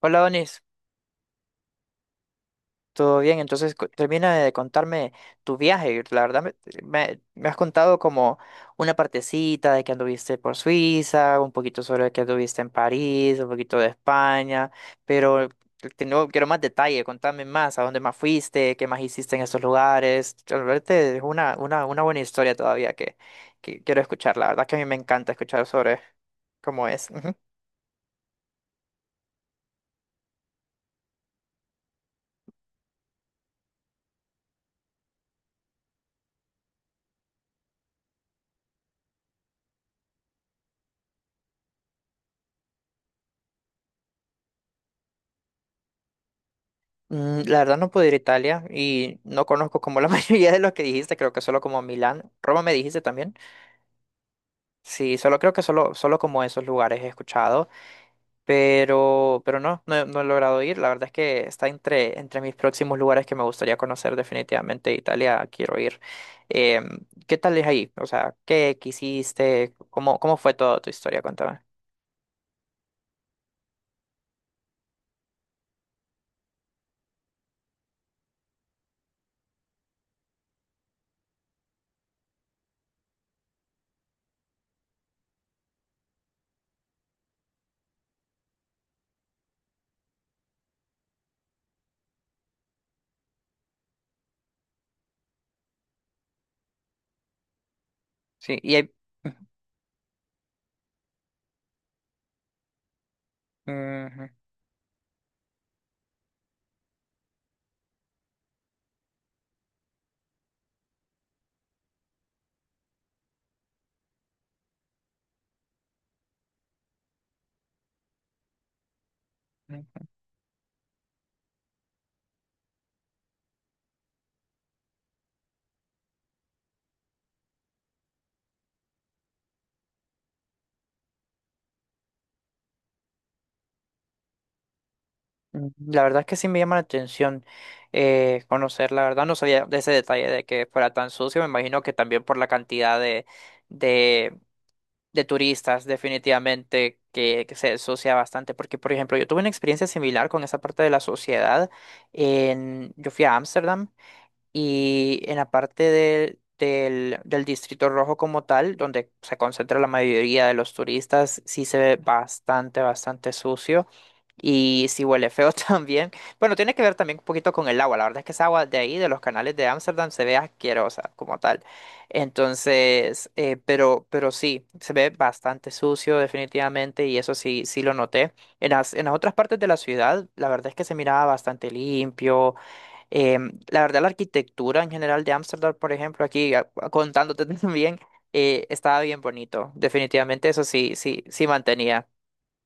Hola, Donis. ¿Todo bien? Entonces, termina de contarme tu viaje. La verdad, me has contado como una partecita de que anduviste por Suiza, un poquito sobre que anduviste en París, un poquito de España, pero quiero más detalle. Contame más, a dónde más fuiste, qué más hiciste en esos lugares. Realmente es una buena historia todavía que quiero escuchar. La verdad que a mí me encanta escuchar sobre cómo es. La verdad no pude ir a Italia y no conozco como la mayoría de los que dijiste, creo que solo como Milán, Roma me dijiste también. Sí, solo creo que solo como esos lugares he escuchado, pero no, no he logrado ir. La verdad es que está entre mis próximos lugares que me gustaría conocer definitivamente. Italia quiero ir. ¿Qué tal es ahí? O sea, ¿qué quisiste? Cómo fue toda tu historia? Cuéntame. Sí, y hay. Ujú. La verdad es que sí me llama la atención conocer, la verdad no sabía de ese detalle de que fuera tan sucio, me imagino que también por la cantidad de, de turistas definitivamente que se asocia bastante, porque por ejemplo yo tuve una experiencia similar con esa parte de la sociedad, en, yo fui a Ámsterdam y en la parte del Distrito Rojo como tal, donde se concentra la mayoría de los turistas, sí se ve bastante sucio y sí huele feo también. Bueno, tiene que ver también un poquito con el agua. La verdad es que esa agua de ahí, de los canales de Ámsterdam, se ve asquerosa como tal. Entonces, pero sí, se ve bastante sucio definitivamente y eso sí, sí lo noté. En las otras partes de la ciudad, la verdad es que se miraba bastante limpio. La verdad, la arquitectura en general de Ámsterdam, por ejemplo, aquí contándote también, estaba bien bonito. Definitivamente eso sí, sí mantenía.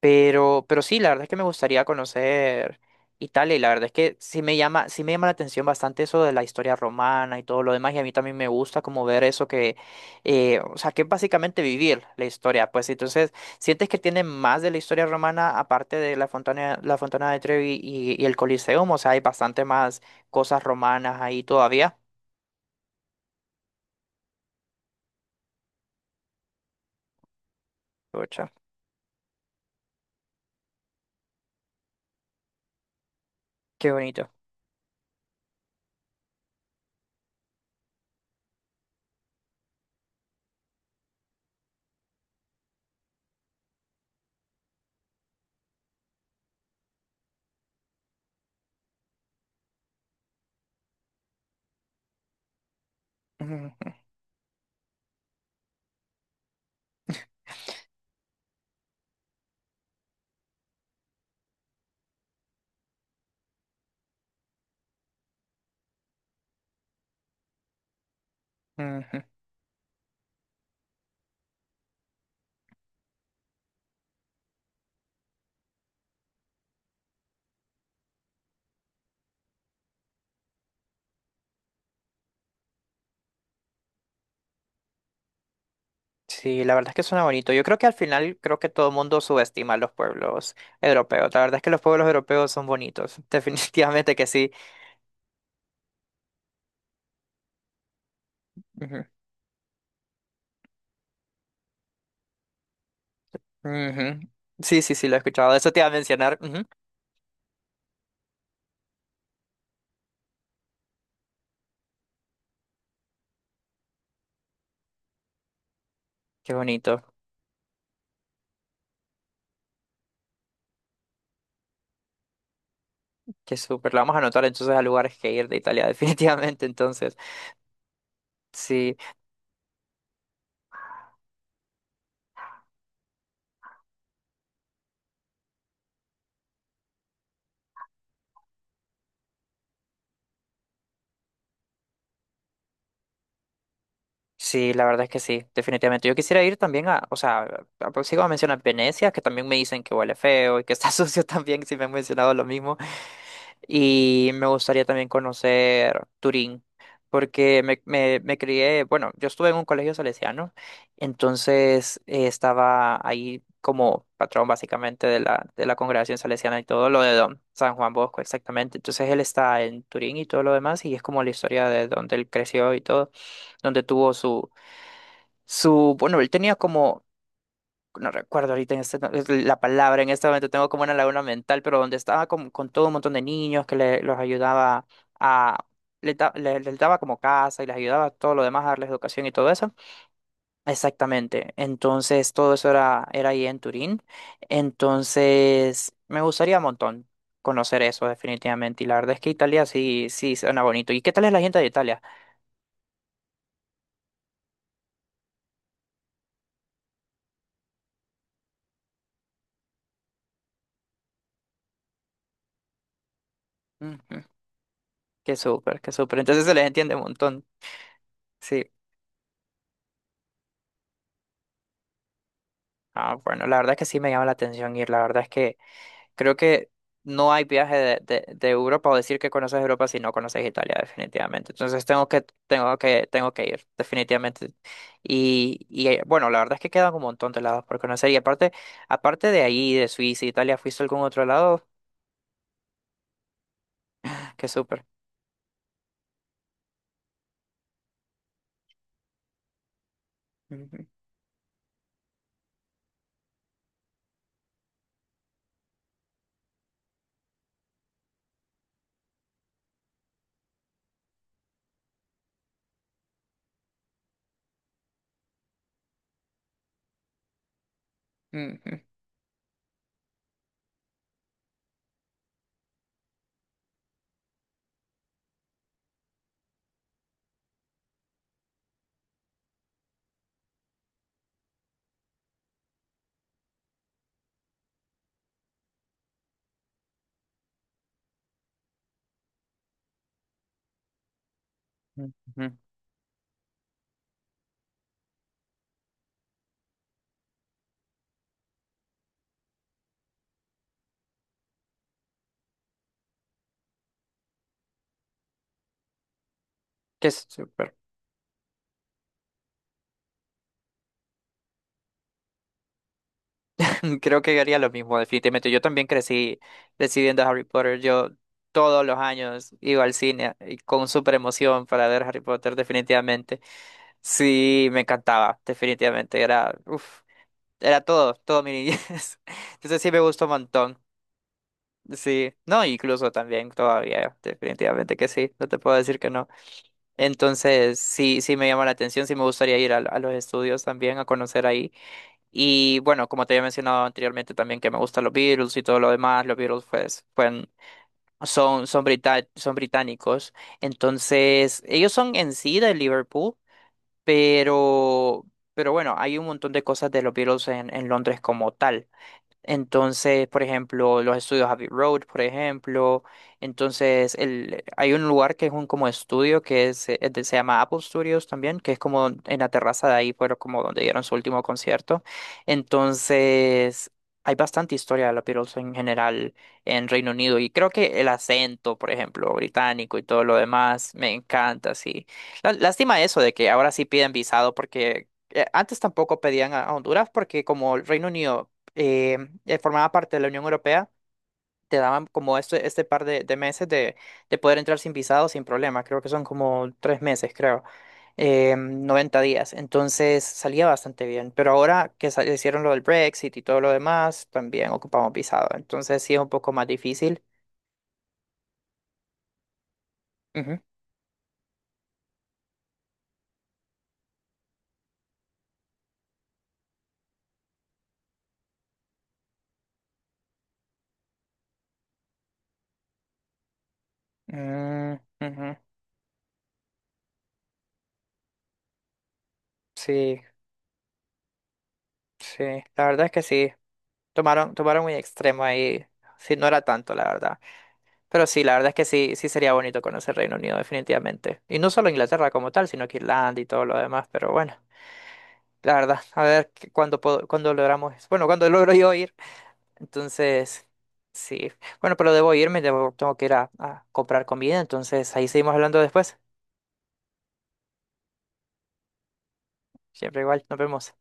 Pero sí, la verdad es que me gustaría conocer Italia y la verdad es que sí me llama la atención bastante eso de la historia romana y todo lo demás y a mí también me gusta como ver eso que, o sea, que es básicamente vivir la historia, pues entonces, ¿sientes que tiene más de la historia romana aparte de la Fontana de Trevi y el Coliseum? O sea, hay bastante más cosas romanas ahí todavía. Pucha, qué bonito. Sí, la verdad es que suena bonito. Yo creo que al final creo que todo el mundo subestima a los pueblos europeos. La verdad es que los pueblos europeos son bonitos. Definitivamente que sí. Ujú, ujú. Sí, sí, sí, lo he escuchado. Eso te iba a mencionar. Ujú. Qué bonito. Qué súper. Lo vamos a anotar entonces a lugares que ir de Italia, definitivamente. Entonces, sí, sí, la verdad es que sí, definitivamente. Yo quisiera ir también a, o sea, sigo a mencionar Venecia, que también me dicen que huele feo y que está sucio también, si me han mencionado lo mismo. Y me gustaría también conocer Turín, porque me crié, bueno, yo estuve en un colegio salesiano, entonces estaba ahí como patrón básicamente de la congregación salesiana y todo lo de don San Juan Bosco, exactamente. Entonces él está en Turín y todo lo demás, y es como la historia de donde él creció y todo, donde tuvo bueno, él tenía como no recuerdo ahorita en es la palabra, en este momento tengo como una laguna mental, pero donde estaba con todo un montón de niños que le, los ayudaba a, les daba como casa y les ayudaba todo lo demás a darles educación y todo eso. Exactamente, entonces todo eso era ahí en Turín, entonces me gustaría un montón conocer eso definitivamente y la verdad es que Italia sí, sí suena bonito. ¿Y qué tal es la gente de Italia? Ujú, qué súper, qué súper, entonces se les entiende un montón, sí. Ah, bueno, la verdad es que sí me llama la atención ir. La verdad es que creo que no hay viaje de Europa o decir que conoces Europa si no conoces Italia, definitivamente. Entonces tengo que ir, definitivamente. Y bueno, la verdad es que quedan un montón de lados por conocer. Aparte de ahí, de Suiza, Italia, ¿fuiste a algún otro lado? Qué súper. Ujú, ujú, ujú. Qué súper. Creo que haría lo mismo, definitivamente. Yo también crecí viendo Harry Potter. Yo todos los años iba al cine y con súper emoción para ver Harry Potter, definitivamente. Sí, me encantaba, definitivamente. Era, uf, era todo mi niñez. Entonces sí me gustó un montón. Sí, no, incluso también todavía, definitivamente que sí, no te puedo decir que no. Entonces sí, sí me llama la atención, sí me gustaría ir a los estudios también a conocer ahí. Y bueno, como te había mencionado anteriormente también que me gustan los Beatles y todo lo demás, los Beatles pues, son británicos, entonces ellos son en sí de Liverpool, pero, pero bueno, hay un montón de cosas de los Beatles en Londres como tal. Entonces, por ejemplo, los estudios Abbey Road, por ejemplo. Entonces, hay un lugar que es un como estudio que es, se llama Apple Studios también, que es como en la terraza de ahí, pero como donde dieron su último concierto. Entonces, hay bastante historia de los Beatles en general en Reino Unido y creo que el acento, por ejemplo, británico y todo lo demás, me encanta, sí. Lástima eso de que ahora sí piden visado porque antes tampoco pedían a Honduras porque como el Reino Unido eh, formaba parte de la Unión Europea, te daban como este par de meses de poder entrar sin visado, sin problema. Creo que son como tres meses, creo. 90 días. Entonces salía bastante bien. Pero ahora que hicieron lo del Brexit y todo lo demás, también ocupamos visado. Entonces sí es un poco más difícil. Ujú. Mm, Ujú. Sí, sí. La verdad es que sí. Tomaron, tomaron muy extremo ahí. Sí, no era tanto, la verdad. Pero sí, la verdad es que sí, sí sería bonito conocer Reino Unido, definitivamente. Y no solo Inglaterra como tal, sino que Irlanda y todo lo demás. Pero bueno, la verdad, a ver cuándo puedo, cuándo logramos eso. Bueno, cuándo logro yo ir. Entonces, sí. Bueno, pero debo irme, debo, tengo que ir a comprar comida. Entonces, ahí seguimos hablando después. Siempre igual, nos vemos.